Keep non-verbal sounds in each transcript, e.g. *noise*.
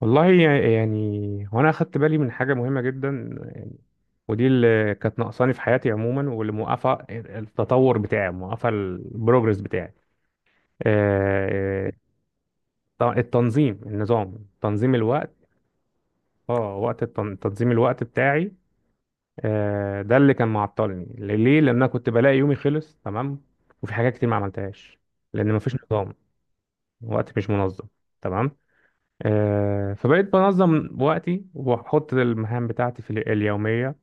والله يعني هو انا اخدت بالي من حاجه مهمه جدا، ودي اللي كانت ناقصاني في حياتي عموما واللي موقفه التطور بتاعي موقفه البروجرس بتاعي. آه، التنظيم النظام تنظيم الوقت. اه وقت تنظيم الوقت بتاعي. ده اللي كان معطلني ليه لان انا كنت بلاقي يومي خلص تمام، وفي حاجات كتير ما عملتهاش لان مفيش نظام. وقت مش منظم، تمام. فبقيت بنظم وقتي واحط المهام بتاعتي في اليوميه،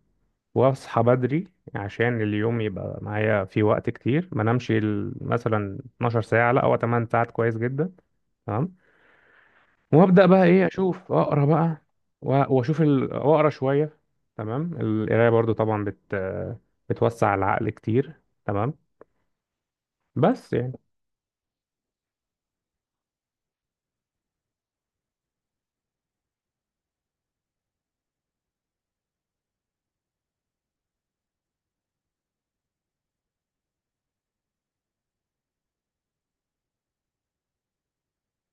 واصحى بدري عشان اليوم يبقى معايا فيه وقت كتير، ما نمشي مثلا 12 ساعة، لا، هو 8 ساعات كويس جدا. تمام. وابدأ بقى ايه، اشوف اقرا بقى، واشوف واقرا شوية. تمام، القراية برضو طبعا بتوسع العقل كتير، تمام، بس يعني.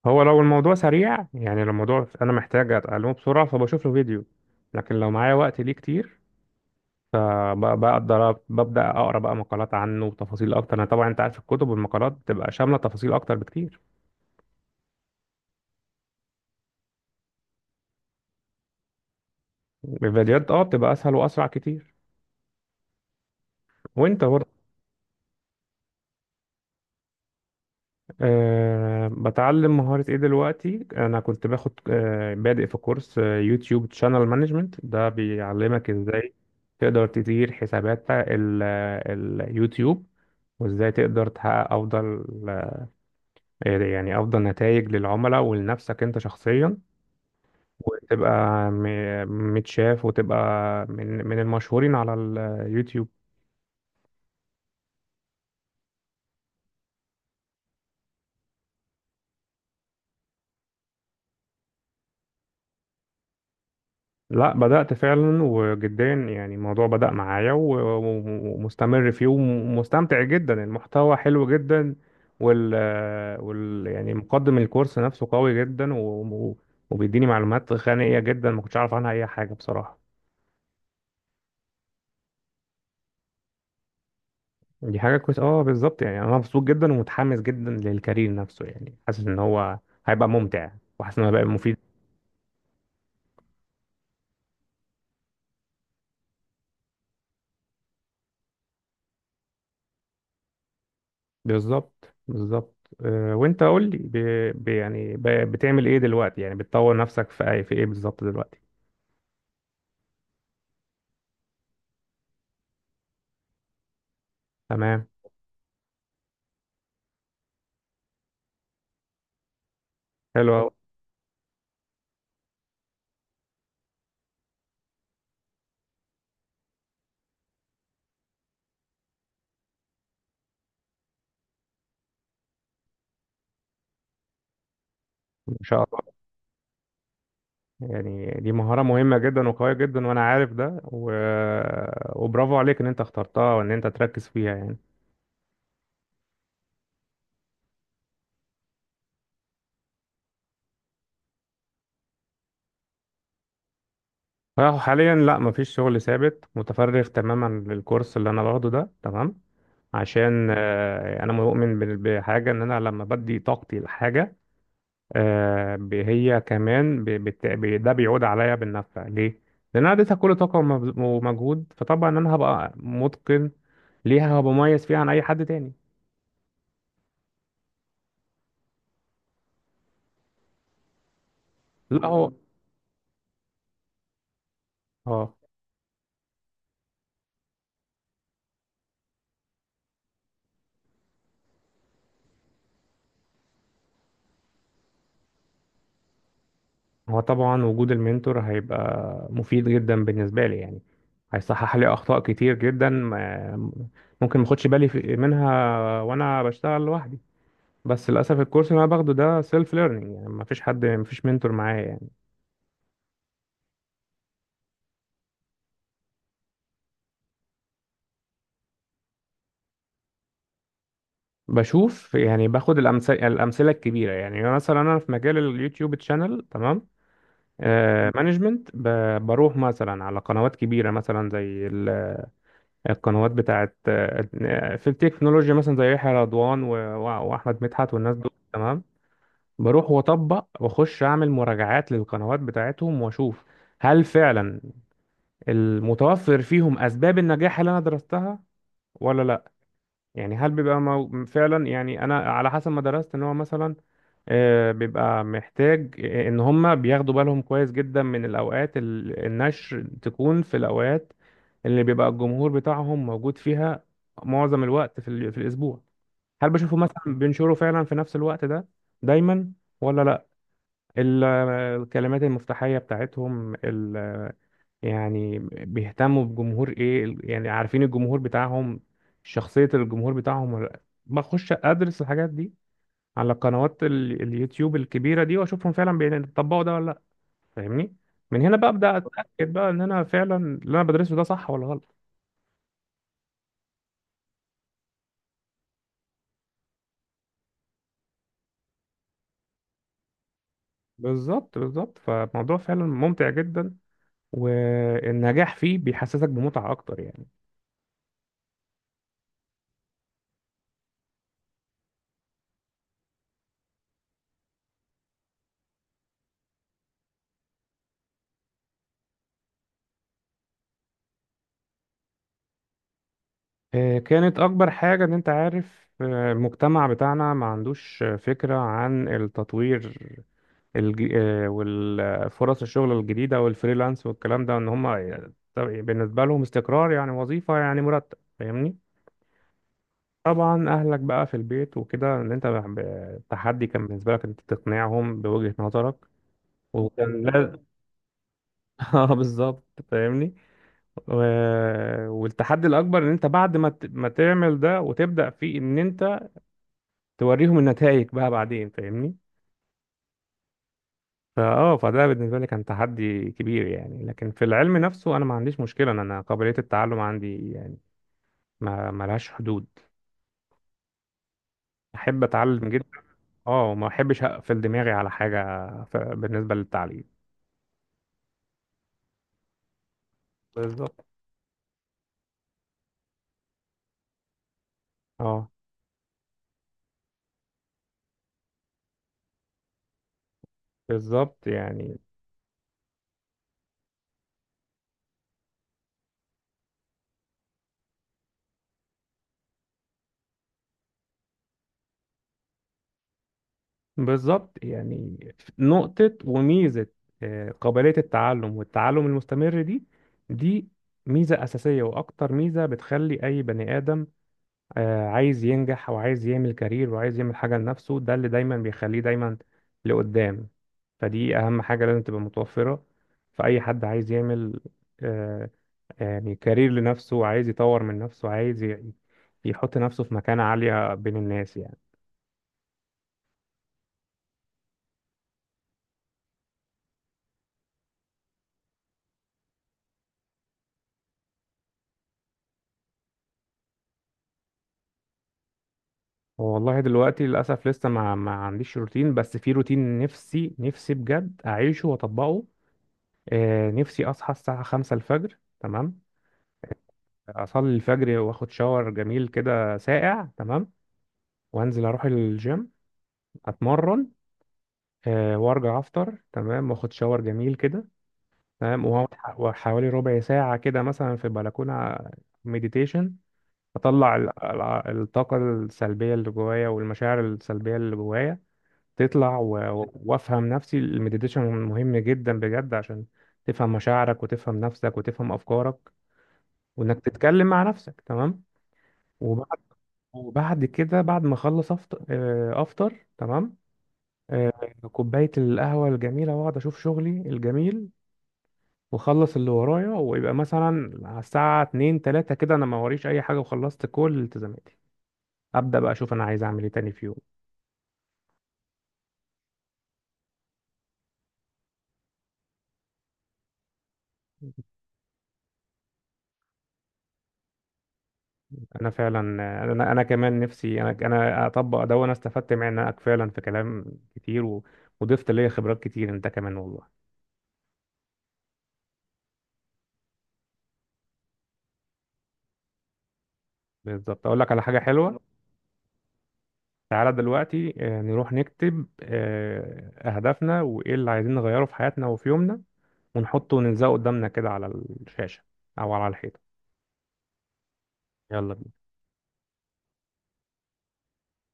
هو لو الموضوع سريع، يعني لو الموضوع انا محتاج اتعلمه بسرعة فبشوف له فيديو، لكن لو معايا وقت ليه كتير فبقدر ببدأ أقرأ بقى مقالات عنه وتفاصيل أكتر. أنا طبعا أنت عارف الكتب والمقالات بتبقى شاملة تفاصيل أكتر بكتير. الفيديوهات بتبقى أسهل وأسرع كتير، وأنت برضه. بتعلم مهارة إيه دلوقتي، أنا كنت باخد بادئ في كورس يوتيوب شانل مانجمنت، ده بيعلمك إزاي تقدر تدير حسابات اليوتيوب، وإزاي تقدر تحقق أفضل، يعني أفضل نتائج للعملاء ولنفسك أنت شخصيا، وتبقى متشاف، وتبقى من المشهورين على اليوتيوب. لا، بدأت فعلا وجدا، يعني الموضوع بدأ معايا ومستمر فيه ومستمتع جدا. المحتوى حلو جدا، وال, وال يعني مقدم الكورس نفسه قوي جدا، و- وبيديني معلومات غنية جدا ما كنتش أعرف عنها أي حاجة بصراحة. دي حاجة كويسة، اه بالظبط، يعني أنا مبسوط جدا ومتحمس جدا للكارير نفسه، يعني حاسس إن هو هيبقى ممتع، وحاسس إن هو هيبقى مفيد. بالظبط بالظبط. وانت قول لي، بتعمل ايه دلوقتي، يعني بتطور نفسك في اي في ايه بالظبط دلوقتي. تمام، حلو قوي، ان شاء الله. يعني دي مهارة مهمة جدا وقوية جدا، وانا عارف ده، و... آه، وبرافو عليك ان انت اخترتها وان انت تركز فيها يعني. حاليا لا، مفيش شغل ثابت، متفرغ تماما للكورس اللي انا باخده ده، تمام. عشان انا مؤمن بحاجة ان انا لما بدي طاقتي لحاجة، هي كمان، ده بيعود عليا بالنفع، ليه؟ لأن أنا اديتها كل طاقة ومجهود، فطبعا أنا هبقى متقن ليها، هبقى مميز فيها عن أي حد تاني. لا، هو مم. اه. هو طبعا وجود المنتور هيبقى مفيد جدا بالنسبة لي يعني، هيصحح لي أخطاء كتير جدا ممكن ماخدش بالي منها وأنا بشتغل لوحدي. بس للأسف الكورس اللي أنا باخده ده سيلف ليرنينج، يعني مفيش حد، مفيش منتور معايا. بشوف يعني باخد الأمثلة الكبيرة يعني. مثلا أنا في مجال اليوتيوب تشانل، تمام، مانجمنت، بروح مثلا على قنوات كبيرة، مثلا زي القنوات بتاعت في التكنولوجيا، مثلا زي يحيى رضوان وأحمد مدحت والناس دول، تمام. بروح وأطبق وأخش أعمل مراجعات للقنوات بتاعتهم، وأشوف هل فعلا المتوفر فيهم أسباب النجاح اللي أنا درستها ولا لا. يعني هل بيبقى فعلا، يعني أنا على حسب ما درست إن هو مثلا بيبقى محتاج ان هما بياخدوا بالهم كويس جدا من الاوقات، النشر تكون في الاوقات اللي بيبقى الجمهور بتاعهم موجود فيها معظم الوقت في الاسبوع. هل بشوفه مثلا بينشروا فعلا في نفس الوقت ده دايما ولا لا؟ ال- الكلمات المفتاحية بتاعتهم، يعني بيهتموا بجمهور ايه، يعني عارفين الجمهور بتاعهم، شخصية الجمهور بتاعهم ولا لأ؟ بخش ادرس الحاجات دي على قنوات اليوتيوب الكبيرة دي، واشوفهم فعلا بيطبقوا ده ولا لا، فاهمني؟ من هنا بقى ابدا اتاكد بقى ان انا فعلا اللي انا بدرسه ده صح ولا غلط. بالظبط بالظبط، فالموضوع فعلا ممتع جدا، والنجاح فيه بيحسسك بمتعة اكتر يعني. كانت اكبر حاجة ان انت عارف، المجتمع بتاعنا ما عندوش فكرة عن التطوير، الج... آه، والفرص، الشغل الجديدة والفريلانس والكلام ده، ان هم بالنسبة لهم استقرار، يعني وظيفة، يعني مرتب، فاهمني. طبعا اهلك بقى في البيت وكده ان انت، التحدي كان بالنسبه لك انت تقنعهم بوجهه نظرك، وكان لازم. *laughs* اه بالظبط، فاهمني. و... والتحدي الاكبر ان انت بعد ما ما تعمل ده وتبدا فيه ان انت توريهم النتائج بقى بعدين، فاهمني. فده بالنسبه لي كان تحدي كبير يعني. لكن في العلم نفسه انا ما عنديش مشكله، أنا قابليه التعلم عندي يعني ما لهاش حدود. احب اتعلم جدا، اه، وما احبش اقفل دماغي على حاجه بالنسبه للتعليم. بالظبط، اه بالظبط يعني، بالظبط يعني، نقطة وميزة. قابلية التعلم والتعلم المستمر دي، دي ميزة أساسية، وأكتر ميزة بتخلي أي بني آدم عايز ينجح وعايز يعمل كارير وعايز يعمل حاجة لنفسه، ده اللي دايما بيخليه دايما لقدام. فدي أهم حاجة لازم تبقى متوفرة في أي حد عايز يعمل آه، يعني كارير لنفسه، وعايز يطور من نفسه، وعايز يحط نفسه في مكانة عالية بين الناس يعني. هو والله دلوقتي للأسف لسه ما عنديش روتين، بس في روتين نفسي نفسي بجد أعيشه وأطبقه. نفسي أصحى الساعة 5 الفجر، تمام، أصلي الفجر وآخد شاور جميل كده ساقع، تمام، وأنزل أروح الجيم، أتمرن، وأرجع أفطر، تمام، وآخد شاور جميل كده، تمام، وأقعد حوالي ربع ساعة كده مثلا في البلكونة، مديتيشن. أطلع الطاقة السلبية اللي جوايا والمشاعر السلبية اللي جوايا، تطلع، وافهم نفسي. المديتيشن مهم جدا بجد، عشان تفهم مشاعرك وتفهم نفسك وتفهم افكارك، وانك تتكلم مع نفسك، تمام. وبعد وبعد كده بعد ما اخلص افطر، افطر، تمام. آه، كوبايه القهوه الجميله، واقعد اشوف شغلي الجميل، واخلص اللي ورايا، ويبقى مثلا على الساعه 2 3 كده انا ما وريش اي حاجه وخلصت كل التزاماتي. ابدا بقى اشوف انا عايز اعمل ايه تاني في يوم. انا فعلا، انا كمان نفسي، انا اطبق ده، وانا استفدت معاك فعلا في كلام كتير، وضفت ليا خبرات كتير انت كمان والله. بالظبط. اقول لك على حاجه حلوه، تعالى دلوقتي نروح نكتب اهدافنا وايه اللي عايزين نغيره في حياتنا وفي يومنا، ونحطه ونلزقه قدامنا كده على الشاشه او على الحيطه. يلا بينا.